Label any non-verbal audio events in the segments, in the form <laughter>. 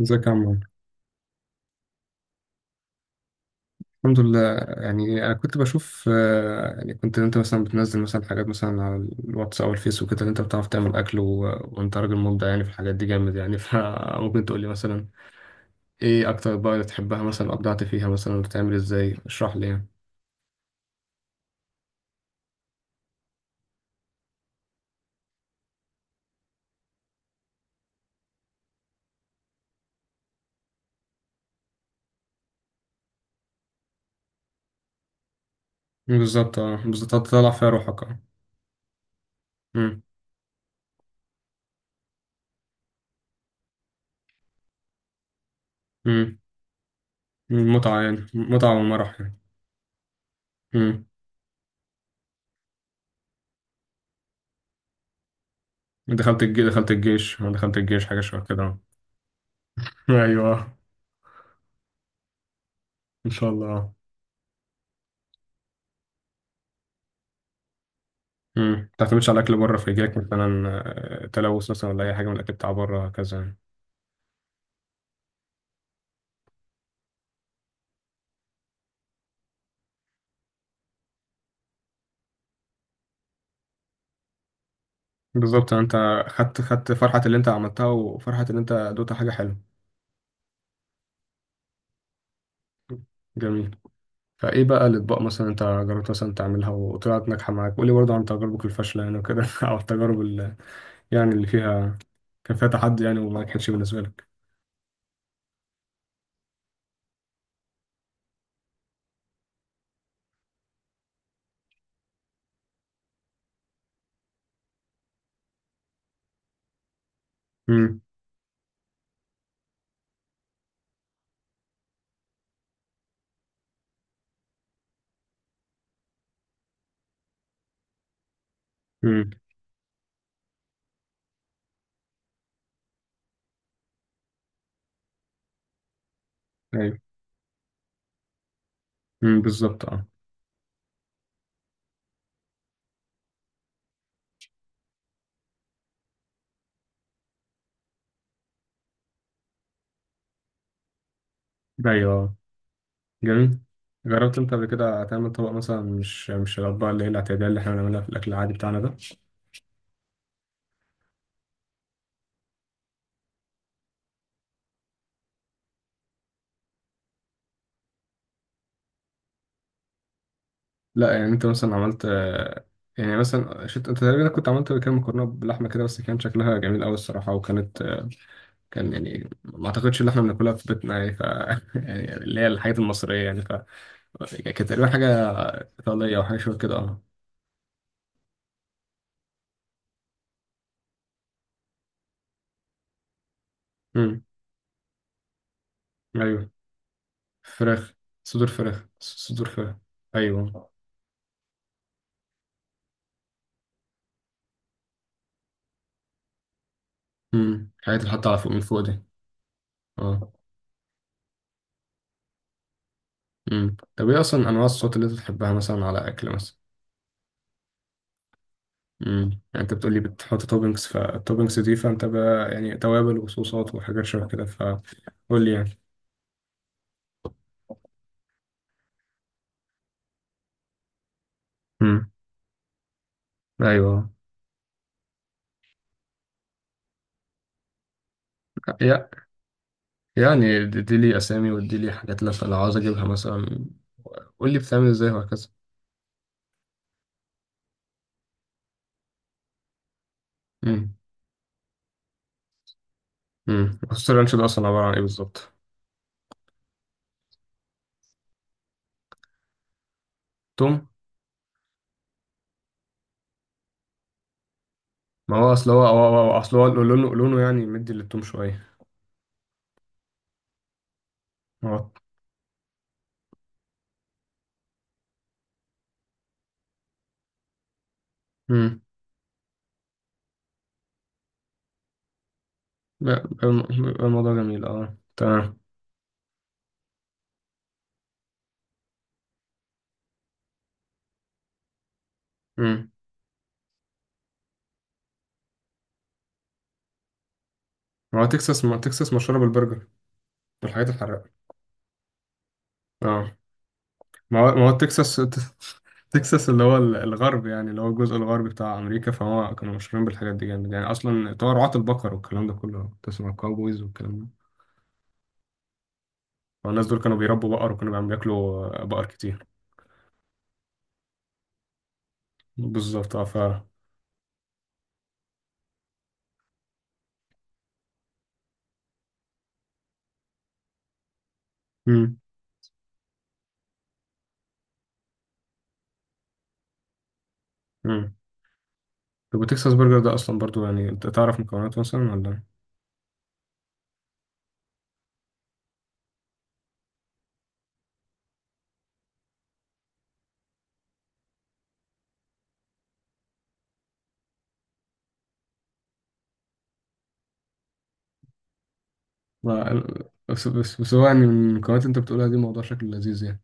ازيك يا عمار؟ الحمد لله. يعني انا كنت بشوف يعني كنت انت مثلا بتنزل مثلا حاجات مثلا على الواتس او الفيس وكده اللي انت بتعرف تعمل اكل وانت راجل مبدع يعني في الحاجات دي جامد يعني <laughs> فممكن تقول لي مثلا ايه اكتر بقى اللي تحبها؟ مثلا ابدعت فيها مثلا بتعمل ازاي؟ اشرح لي يعني. بالظبط، اه، بالظبط تطلع فيها روحك. اه. امم. امم. متعة، يعني متعة ومرح يعني. امم. دخلت الجيش، دخلت الجيش، دخلت الجيش، حاجة شبه كده. <laughs> ايوه. ان شاء الله. امم. ما تعتمدش على اكل بره، فيجيلك مثلا تلوث مثلا ولا اي حاجه من الاكل بتاع بره كذا يعني. بالظبط. انت خدت فرحه اللي انت عملتها وفرحه ان انت دوت حاجه حلوه. جميل. فايه بقى الاطباق مثلا انت جربت مثلا تعملها وطلعت ناجحه معاك؟ قولي برضه عن تجاربك الفاشله يعني وكده <laughs> او التجارب اللي فيها كان فيها تحدي يعني وما نجحتش بالنسبه لك. امم. امم. ايوه. امم. بالظبط. اه. ايوه. آه. جميل. جربت انت قبل كده تعمل طبق مثلا مش الاطباق اللي هي الاعتياديه اللي احنا بنعملها في الاكل العادي بتاعنا ده؟ لا يعني انت مثلا عملت يعني مثلا شفت انت تقريبا كنت عملت كام مكرونه بلحمه كده، بس كان شكلها جميل قوي الصراحه، وكانت كان يعني ما اعتقدش ان احنا بناكلها في بيتنا يعني <laughs> يعني اللي هي الحاجات المصريه يعني كانت تقريبا حاجه ايطاليه او حاجه شبه كده. اه. امم. ايوه. فراخ. صدور فراخ، صدور فراخ. ايوه. امم. الحاجات اللي حاطه على فوق، من فوق دي. اه. امم. طب ايه اصلا انواع الصوت اللي انت بتحبها مثلا على اكل مثلا؟ امم. يعني انت بتقولي بتحط توبنجز، فالتوبنجز دي فانت بقى يعني توابل وصوصات وحاجات شبه كده، فقول لي يعني. امم. ايوه. يا يعني دي لي اسامي ودي لي حاجات، لو عاوز اجيبها مثلا قول لي بتعمل ازاي وهكذا. امم. امم. خصوص الرانش ده اصلا عباره عن ايه بالظبط؟ توم. ما هو اصل اصل هو لونه، يعني مدي للتوم شويه. هو. امم. بقى الموضوع جميل. اه، تمام. امم. ما تكساس مشهوره بالبرجر والحاجات الحراقه. اه. ما هو تكساس <laughs> تكساس اللي هو الغرب يعني، اللي هو الجزء الغربي بتاع أمريكا. فهو كانوا مشهورين بالحاجات دي جامد يعني، أصلا بتوع رعاة البقر والكلام ده كله، تسمع الكاوبويز والكلام ده. فالناس دول كانوا بيربوا بقر، وكانوا بياكلوا بقر كتير. بالظبط. اه. مم. مم. طب وتكساس برجر ده أصلا برضو يعني أنت تعرف مكوناته مثلا ولا؟ ما بس هو يعني من المكونات اللي أنت بتقولها دي موضوع شكله لذيذ يعني.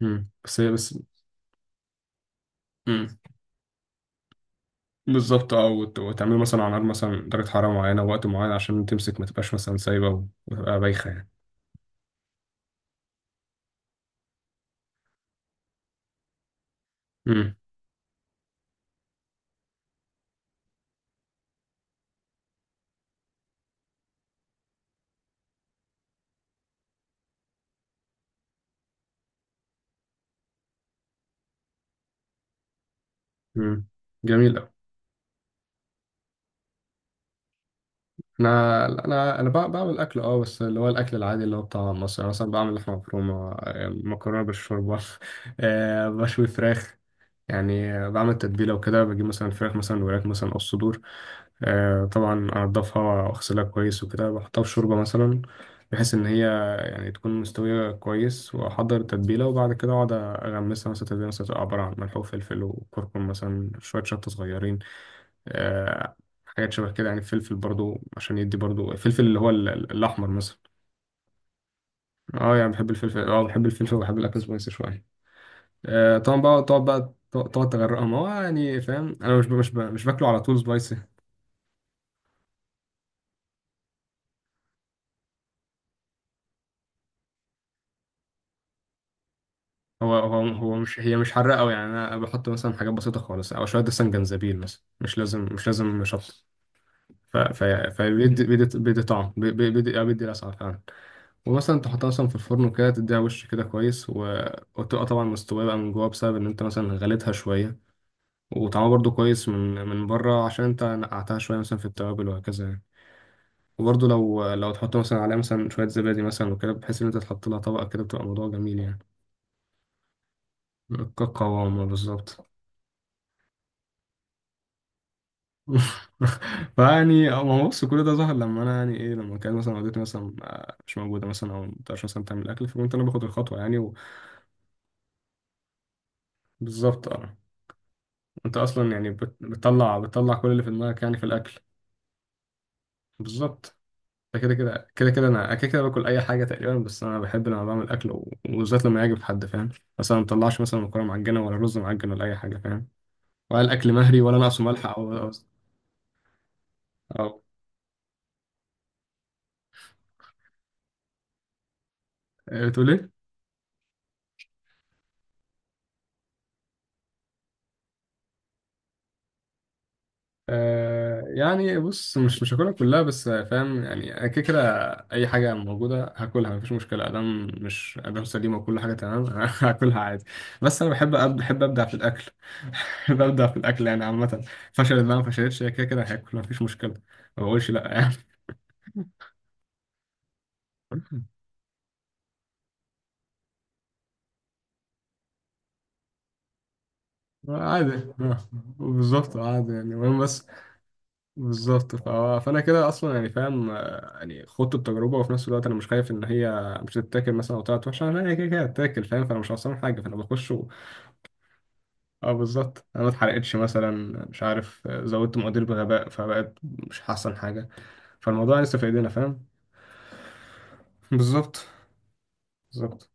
مم. بس هي بس. بالظبط. اه. وتعمله مثلا على نار مثلا درجة حرارة معينة ووقت معين عشان تمسك، ما تبقاش مثلا سايبة وتبقى بايخة يعني. امم. امم. جميل أوي. أنا أنا أنا بعمل أكل أه، بس اللي هو الأكل العادي اللي هو بتاع مصر، يعني مثلا بعمل لحمة مفرومة، مكرونة بالشوربة <laughs> بشوي فراخ. يعني بعمل تتبيلة وكده، بجيب مثلا الفراخ، مثلا الوراك مثلا أو الصدور. طبعا أنضفها وأغسلها كويس وكده، بحطها في شوربة مثلا بحيث إن هي يعني تكون مستوية كويس. وأحضر التتبيلة وبعد كده أقعد أغمسها، مثلا تتبيلة مثلا تبقى عبارة عن ملح وفلفل وكركم مثلا، شوية شطة صغيرين. آه، حاجات شبه كده. يعني فلفل برضو عشان يدي برضو الفلفل اللي هو الأحمر مثلا. اه. يعني بحب الفلفل، اه بحب الفلفل وبحب الأكل سبايسي شوية. طبعا بقى تقعد، تغرقها. ما هو يعني فاهم، انا مش باكله على طول سبايسي. هو هو هو مش هي مش حراقه قوي. يعني انا بحط مثلا حاجات بسيطه خالص او شويه مثلا جنزبيل مثلا، مش لازم شطه. ف ف فبيدي بيدي بيدي طعم، بيدي بيدي لسعه فعلا. ومثلا تحطها مثلا في الفرن وكده، تديها وش كده كويس وتبقى طبعا مستويه بقى من جوه بسبب ان انت مثلا غليتها شويه، وطعمها برضو كويس من بره عشان انت نقعتها شويه مثلا في التوابل وهكذا يعني. وبرضه لو تحط مثلا عليها مثلا شوية زبادي مثلا وكده، بحيث إن أنت تحط لها طبقة كده بتبقى موضوع جميل يعني. كقوامة، بالظبط. <laughs> فيعني هو بص، كل ده ظهر لما أنا يعني إيه لما كانت مثلا والدتي مثلا مش موجودة، مثلا أو مبتقدرش مثلا تعمل أكل، فكنت أنا باخد الخطوة يعني. بالظبط أه. أنت أصلا يعني بتطلع كل اللي في دماغك يعني في الأكل. بالظبط. ده كده كده كده كده أنا كده كده باكل أي حاجة تقريبا، بس أنا بحب لما بعمل أكل وبالذات لما يعجب حد فاهم. مثلا ما بطلعش مثلا مكرونة معجنة ولا رز معجن ولا أي حاجة فاهم؟ ولا الاكل مهري ولا ناقصه ملح او او أو- بتقول ايه؟ آه يعني بص، مش هاكلها كلها بس فاهم. يعني انا كده كده اي حاجه موجوده هاكلها مفيش مشكله، ادام مش ادام سليمه وكل حاجه تمام <laughs> هاكلها عادي. بس انا بحب بحب ابدع في الاكل <laughs> بحب ابدع في الاكل يعني عامه. فشلت بقى ما فشلتش، هي كده كده هاكل مفيش مشكله. ما بقولش لا يعني. <laughs> عادي. آه، بالظبط عادي يعني، المهم بس. بالظبط. فانا كده اصلا يعني فاهم. يعني خدت التجربه، وفي نفس الوقت انا مش خايف ان هي مش تتاكل مثلا او طلعت وحشه. انا هي كده كده هتتاكل فاهم، فانا مش خسران حاجه، فانا بخش. اه، بالظبط انا ما اتحرقتش مثلا، مش عارف زودت مقادير بغباء فبقت مش احسن حاجه. فالموضوع لسه في ايدينا فاهم. بالظبط. بالظبط.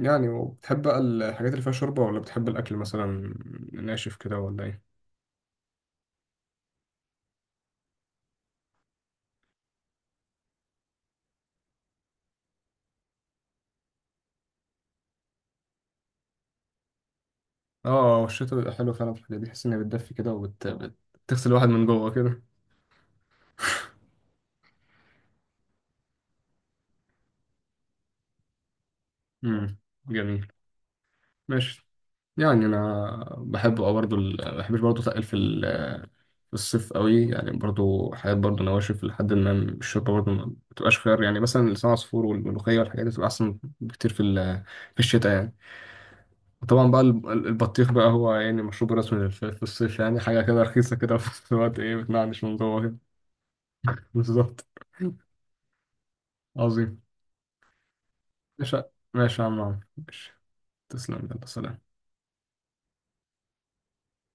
يعني، وبتحب بقى الحاجات اللي فيها شوربه ولا بتحب الاكل مثلا ناشف كده ولا ايه؟ اه، الشتا بيبقى حلو فعلا في الحاجات دي، بحس انها بتدفي كده وبتغسل الواحد من جوه كده. امم. جميل. ماشي. يعني انا بحب اه برضه بحبش برضه اتقل في في الصيف قوي. يعني برضه حاجات برضه نواشف لحد ما الشوربه برضه ما بتبقاش خيار، يعني مثلا لسان عصفور والملوخيه والحاجات دي بتبقى احسن بكتير في في الشتاء يعني. وطبعا بقى البطيخ بقى هو يعني مشروب رسمي في الصيف، يعني حاجه كده رخيصه كده <laughs> في نفس الوقت ايه بتنعنش من جوه كده. بالظبط. عظيم. ماشي ماشي يا عم عمرو. ماشي. تسلم، يلا سلام.